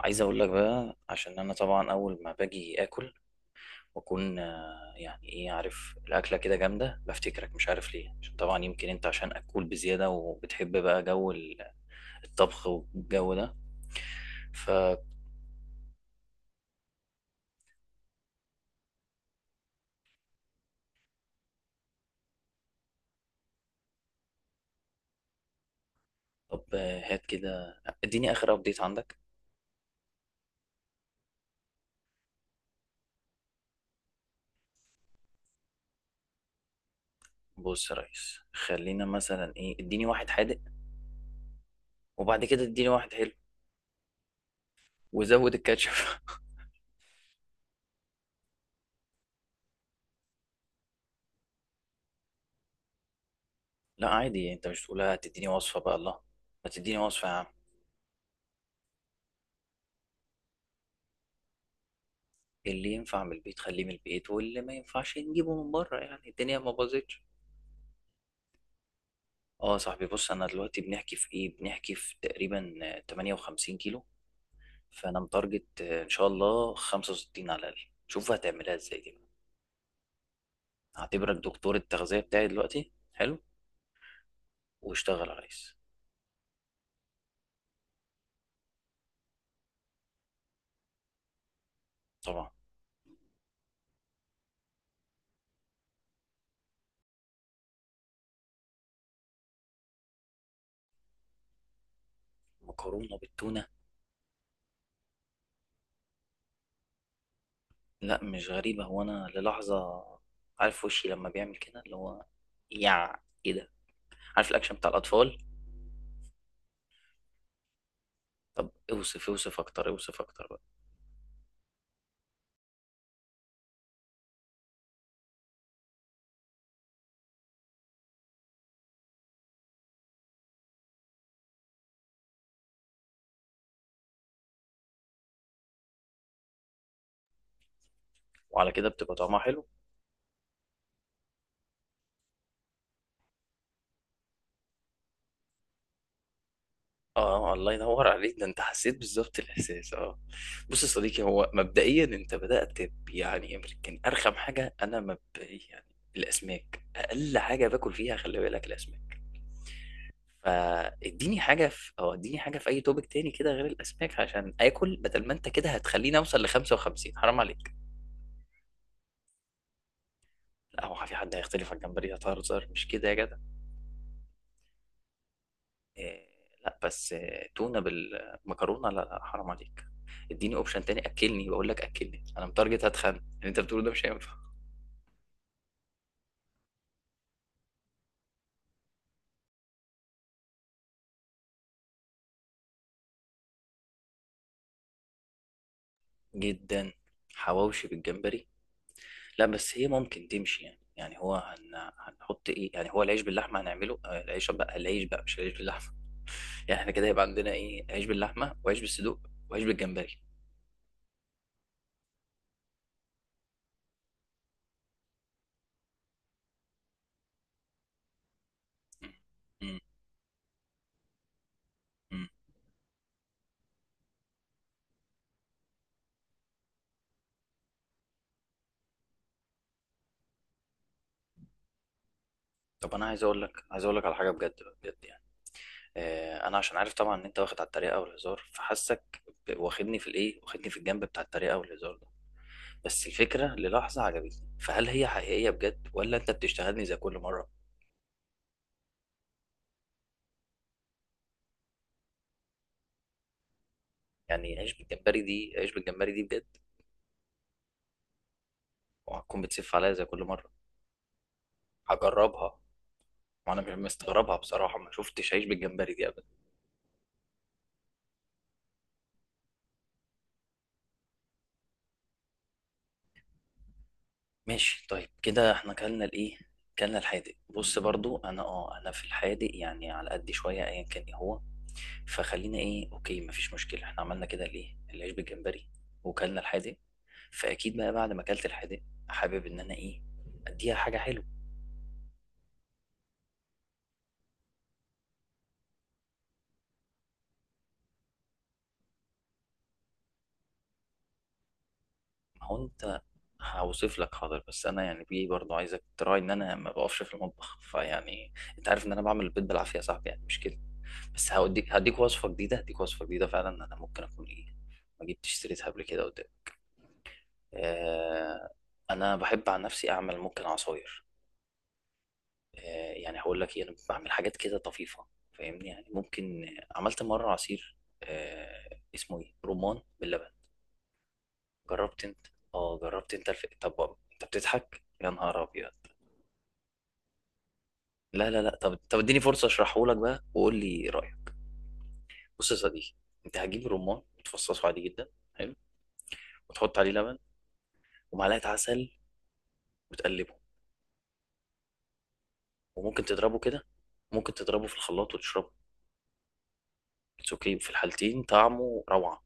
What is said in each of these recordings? عايز اقول لك بقى عشان انا طبعا اول ما باجي اكل واكون يعني ايه؟ عارف الاكله كده جامده، بفتكرك مش عارف ليه. عشان طبعا يمكن انت عشان اكول بزياده وبتحب بقى جو الطبخ والجو ده. فطب هات كده، اديني اخر ابديت عندك. بص يا ريس، خلينا مثلا ايه، اديني واحد حادق وبعد كده اديني واحد حلو وزود الكاتشب. لا عادي، انت مش تقولها تديني وصفه بقى؟ الله، ما تديني وصفه يا عم. اللي ينفع من البيت خليه من البيت، واللي ما ينفعش نجيبه من بره، يعني الدنيا ما باظتش. اه يا صاحبي، بص انا دلوقتي بنحكي في ايه؟ بنحكي في تقريبا 58 كيلو. فانا متارجت ان شاء الله 65 على الاقل. شوف هتعملها ازاي دي بقى. هعتبرك دكتور التغذية بتاعي دلوقتي، حلو؟ واشتغل يا ريس. طبعا. مكرونة بالتونة؟ لا مش غريبة، هو انا للحظة، عارف وشي لما بيعمل كده، اللي هو يع، ايه ده؟ عارف الاكشن بتاع الاطفال؟ طب اوصف، اوصف اكتر. وعلى كده بتبقى طعمها حلو؟ اه الله ينور عليك، ده انت حسيت بالظبط الاحساس، اه. بص يا صديقي، هو مبدئيا انت بدات يعني يمكن ارخم حاجه، انا مبدئيا يعني الاسماك اقل حاجه باكل فيها، خلي بالك، الاسماك. فاديني حاجه في، او اديني حاجه في اي توبك تاني كده غير الاسماك عشان اكل، بدل ما انت كده هتخليني اوصل ل 55، حرام عليك. لا هو في حد هيختلف على الجمبري؟ هتهزر مش كده يا جدع؟ إيه، لا بس إيه، تونة بالمكرونة؟ لا لا حرام عليك. اديني اوبشن تاني اكلني، بقول لك اكلني، انا متارجت هتخن، اللي انت بتقوله ده مش هينفع. جدا. حواوشي بالجمبري؟ لا بس هي ممكن تمشي يعني، يعني. هنحط ايه يعني؟ هو العيش باللحمة هنعمله العيش بقى، العيش بقى مش العيش باللحمة. يعني احنا كده يبقى عندنا ايه؟ عيش باللحمة وعيش بالصدوق وعيش بالجمبري. مم. مم. مم. طب انا عايز اقول لك، عايز اقول لك على حاجة بجد بجد يعني. انا عشان عارف طبعا ان انت واخد على الطريقه والهزار، فحاسك واخدني في الايه، واخدني في الجنب بتاع الطريقه والهزار ده. بس الفكره للحظه عجبتني، فهل هي حقيقيه بجد ولا انت بتشتغلني زي كل مره؟ يعني عيش بالجمبري دي، عيش بالجمبري دي بجد وهتكون بتسف عليا زي كل مره؟ هجربها، وانا مش مستغربها بصراحه، ما شفتش عيش بالجمبري دي قبل. ماشي طيب، كده احنا كلنا الايه، كلنا الحادق. بص برضو انا اه انا في الحادق يعني على قد شويه ايا كان ايه هو. فخلينا ايه، اوكي مفيش مشكله، احنا عملنا كده الايه، العيش بالجمبري وكلنا الحادق. فاكيد بقى بعد ما اكلت الحادق حابب ان انا ايه، اديها حاجه حلوه. ما هو انت هوصف لك حاضر، بس انا يعني بيه برضو عايزك تراعي ان انا ما بقفش في المطبخ، فيعني انت عارف ان انا بعمل البيض بالعافيه يا صاحبي، يعني مش كده؟ بس هوديك، هديك وصفه جديده، هديك وصفه جديده فعلا انا ممكن اكون ايه، ما جبتش سيرتها قبل كده قدام. آه. انا بحب عن نفسي اعمل، ممكن عصاير. آه يعني هقول لك ايه، انا بعمل حاجات كده طفيفه، فاهمني يعني؟ ممكن، عملت مره عصير آه اسمه ايه، رمان باللبن. جربت انت؟ اه جربت انت طب انت بتضحك يا نهار ابيض؟ لا لا لا، طب طب اديني فرصه اشرحه لك بقى وقول لي رايك. بص يا صديقي، انت هتجيب رمان وتفصصه عادي جدا، حلو، وتحط عليه لبن ومعلقه عسل وتقلبه، وممكن تضربه كده، ممكن تضربه في الخلاط وتشربه، اتس اوكي في الحالتين، طعمه روعة.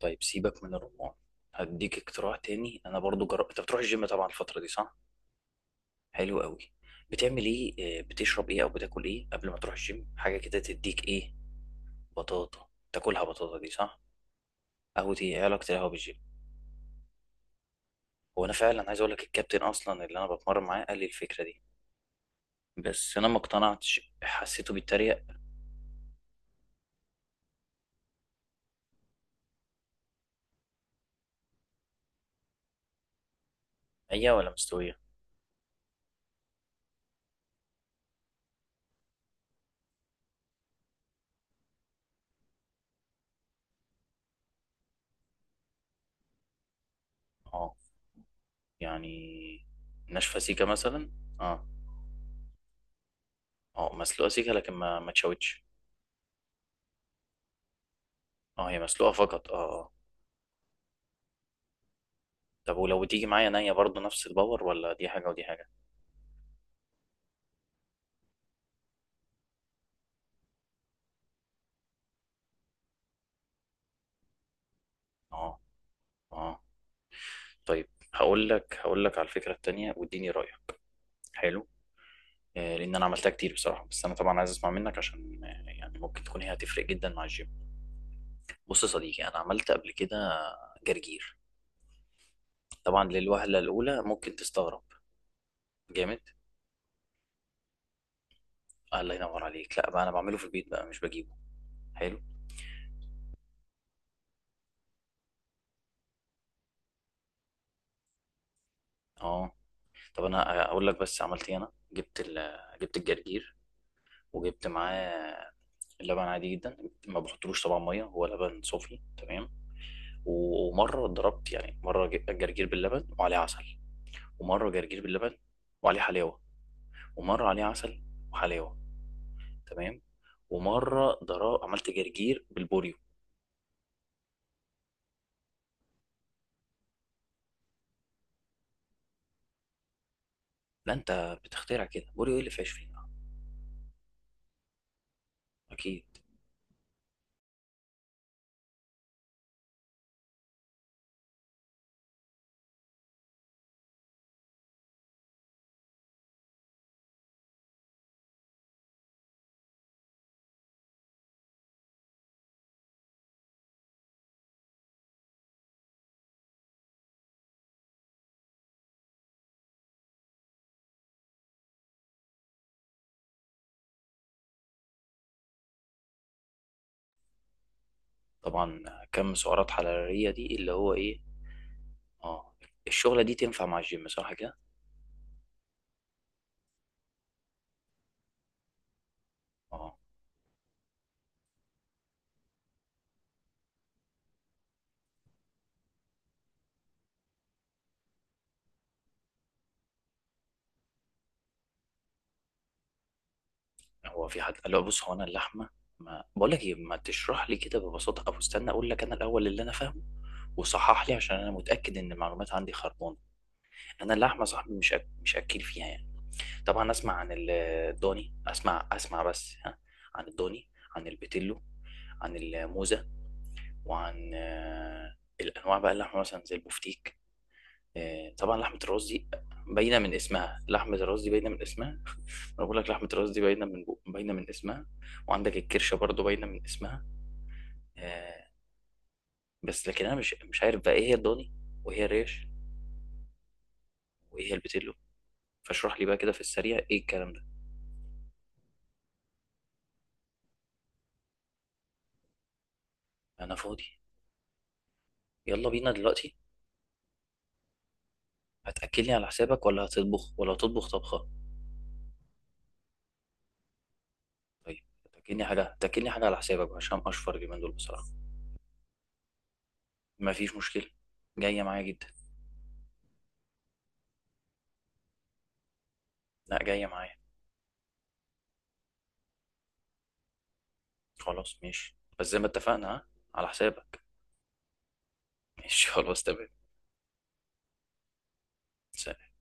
طيب سيبك من الرمان، هديك اقتراح تاني انا برضو جربت. انت بتروح الجيم طبعا الفترة دي صح؟ حلو قوي. بتعمل ايه بتشرب ايه او بتاكل ايه قبل ما تروح الجيم، حاجة كده تديك ايه؟ بطاطا تاكلها؟ بطاطا دي صح؟ قهوة؟ ايه إيه علاقة القهوة بالجيم؟ هو انا فعلا عايز اقول لك، الكابتن اصلا اللي انا بتمرن معاه قال لي الفكرة دي، بس انا ما اقتنعتش، حسيته بيتريق. هي ولا مستوية؟ اه يعني. ناشفة سيكة مثلا؟ اه. اه مسلوقة سيكة لكن ما تشوتش. اه هي مسلوقة فقط، اه اه. طب ولو تيجي معايا نية برضو نفس الباور ولا دي حاجة ودي حاجة؟ اه. اه. طيب هقول لك، هقول لك على الفكرة التانية واديني رأيك. حلو. آه لأن أنا عملتها كتير بصراحة، بس أنا طبعا عايز أسمع منك عشان يعني ممكن تكون هي هتفرق جدا مع الجيم. بص يا صديقي، أنا عملت قبل كده جرجير. طبعا للوهلة الأولى ممكن تستغرب. جامد. الله ينور عليك، لا بقى أنا بعمله في البيت بقى مش بجيبه. حلو اه. طب أنا أقول لك بس عملت إيه، أنا جبت جبت الجرجير وجبت معاه اللبن عادي جدا، ما بحطلوش طبعا ميه، هو لبن صوفي تمام. ومره ضربت يعني، مره جرجير باللبن وعليه عسل، ومره جرجير باللبن وعليه حلاوه، ومره عليه عسل وحلاوه، تمام، ومره ضرب عملت جرجير بالبوريو. لا انت بتخترع، كده بوريو ايه اللي فيهاش فيه؟ اكيد. طبعا. كم سعرات حراريه دي اللي هو ايه؟ اه الشغله دي تنفع مع الجيم صح كده؟ اه. هو في حد قال له، بص هو انا اللحمه، ما بقول لك ايه، ما تشرح لي كده ببساطه، او استنى اقول لك انا الاول اللي انا فاهمه وصحح لي عشان انا متاكد ان المعلومات عندي خربانه. انا اللحمه صاحبي مش اكل فيها يعني. طبعا اسمع عن الضاني، اسمع اسمع بس ها، عن الضاني، عن البيتلو، عن الموزه، وعن الانواع بقى، اللحمه مثلا زي البفتيك، طبعا لحمة الراس دي باينة من اسمها. لحمة الراس دي باينة من اسمها. انا بقول لك لحمة الراس دي باينة باينة من اسمها. وعندك الكرشة برضو باينة من اسمها. آه، بس لكن انا مش عارف بقى ايه هي الضاني، وايه هي الريش، وايه هي البتلو. فاشرح لي بقى كده في السريع ايه الكلام ده. انا فاضي. يلا بينا دلوقتي. هتاكلني على حسابك ولا هتطبخ، ولا هتطبخ طبخة؟ طيب هتاكلني حاجة، هتاكلني حاجة على حسابك عشان اشفر اليومين دول بصراحة. مفيش مشكلة. جاية معايا جدا. لا جاية معايا. خلاص ماشي، بس زي ما اتفقنا ها، على حسابك. ماشي. خلاص تمام. سلام.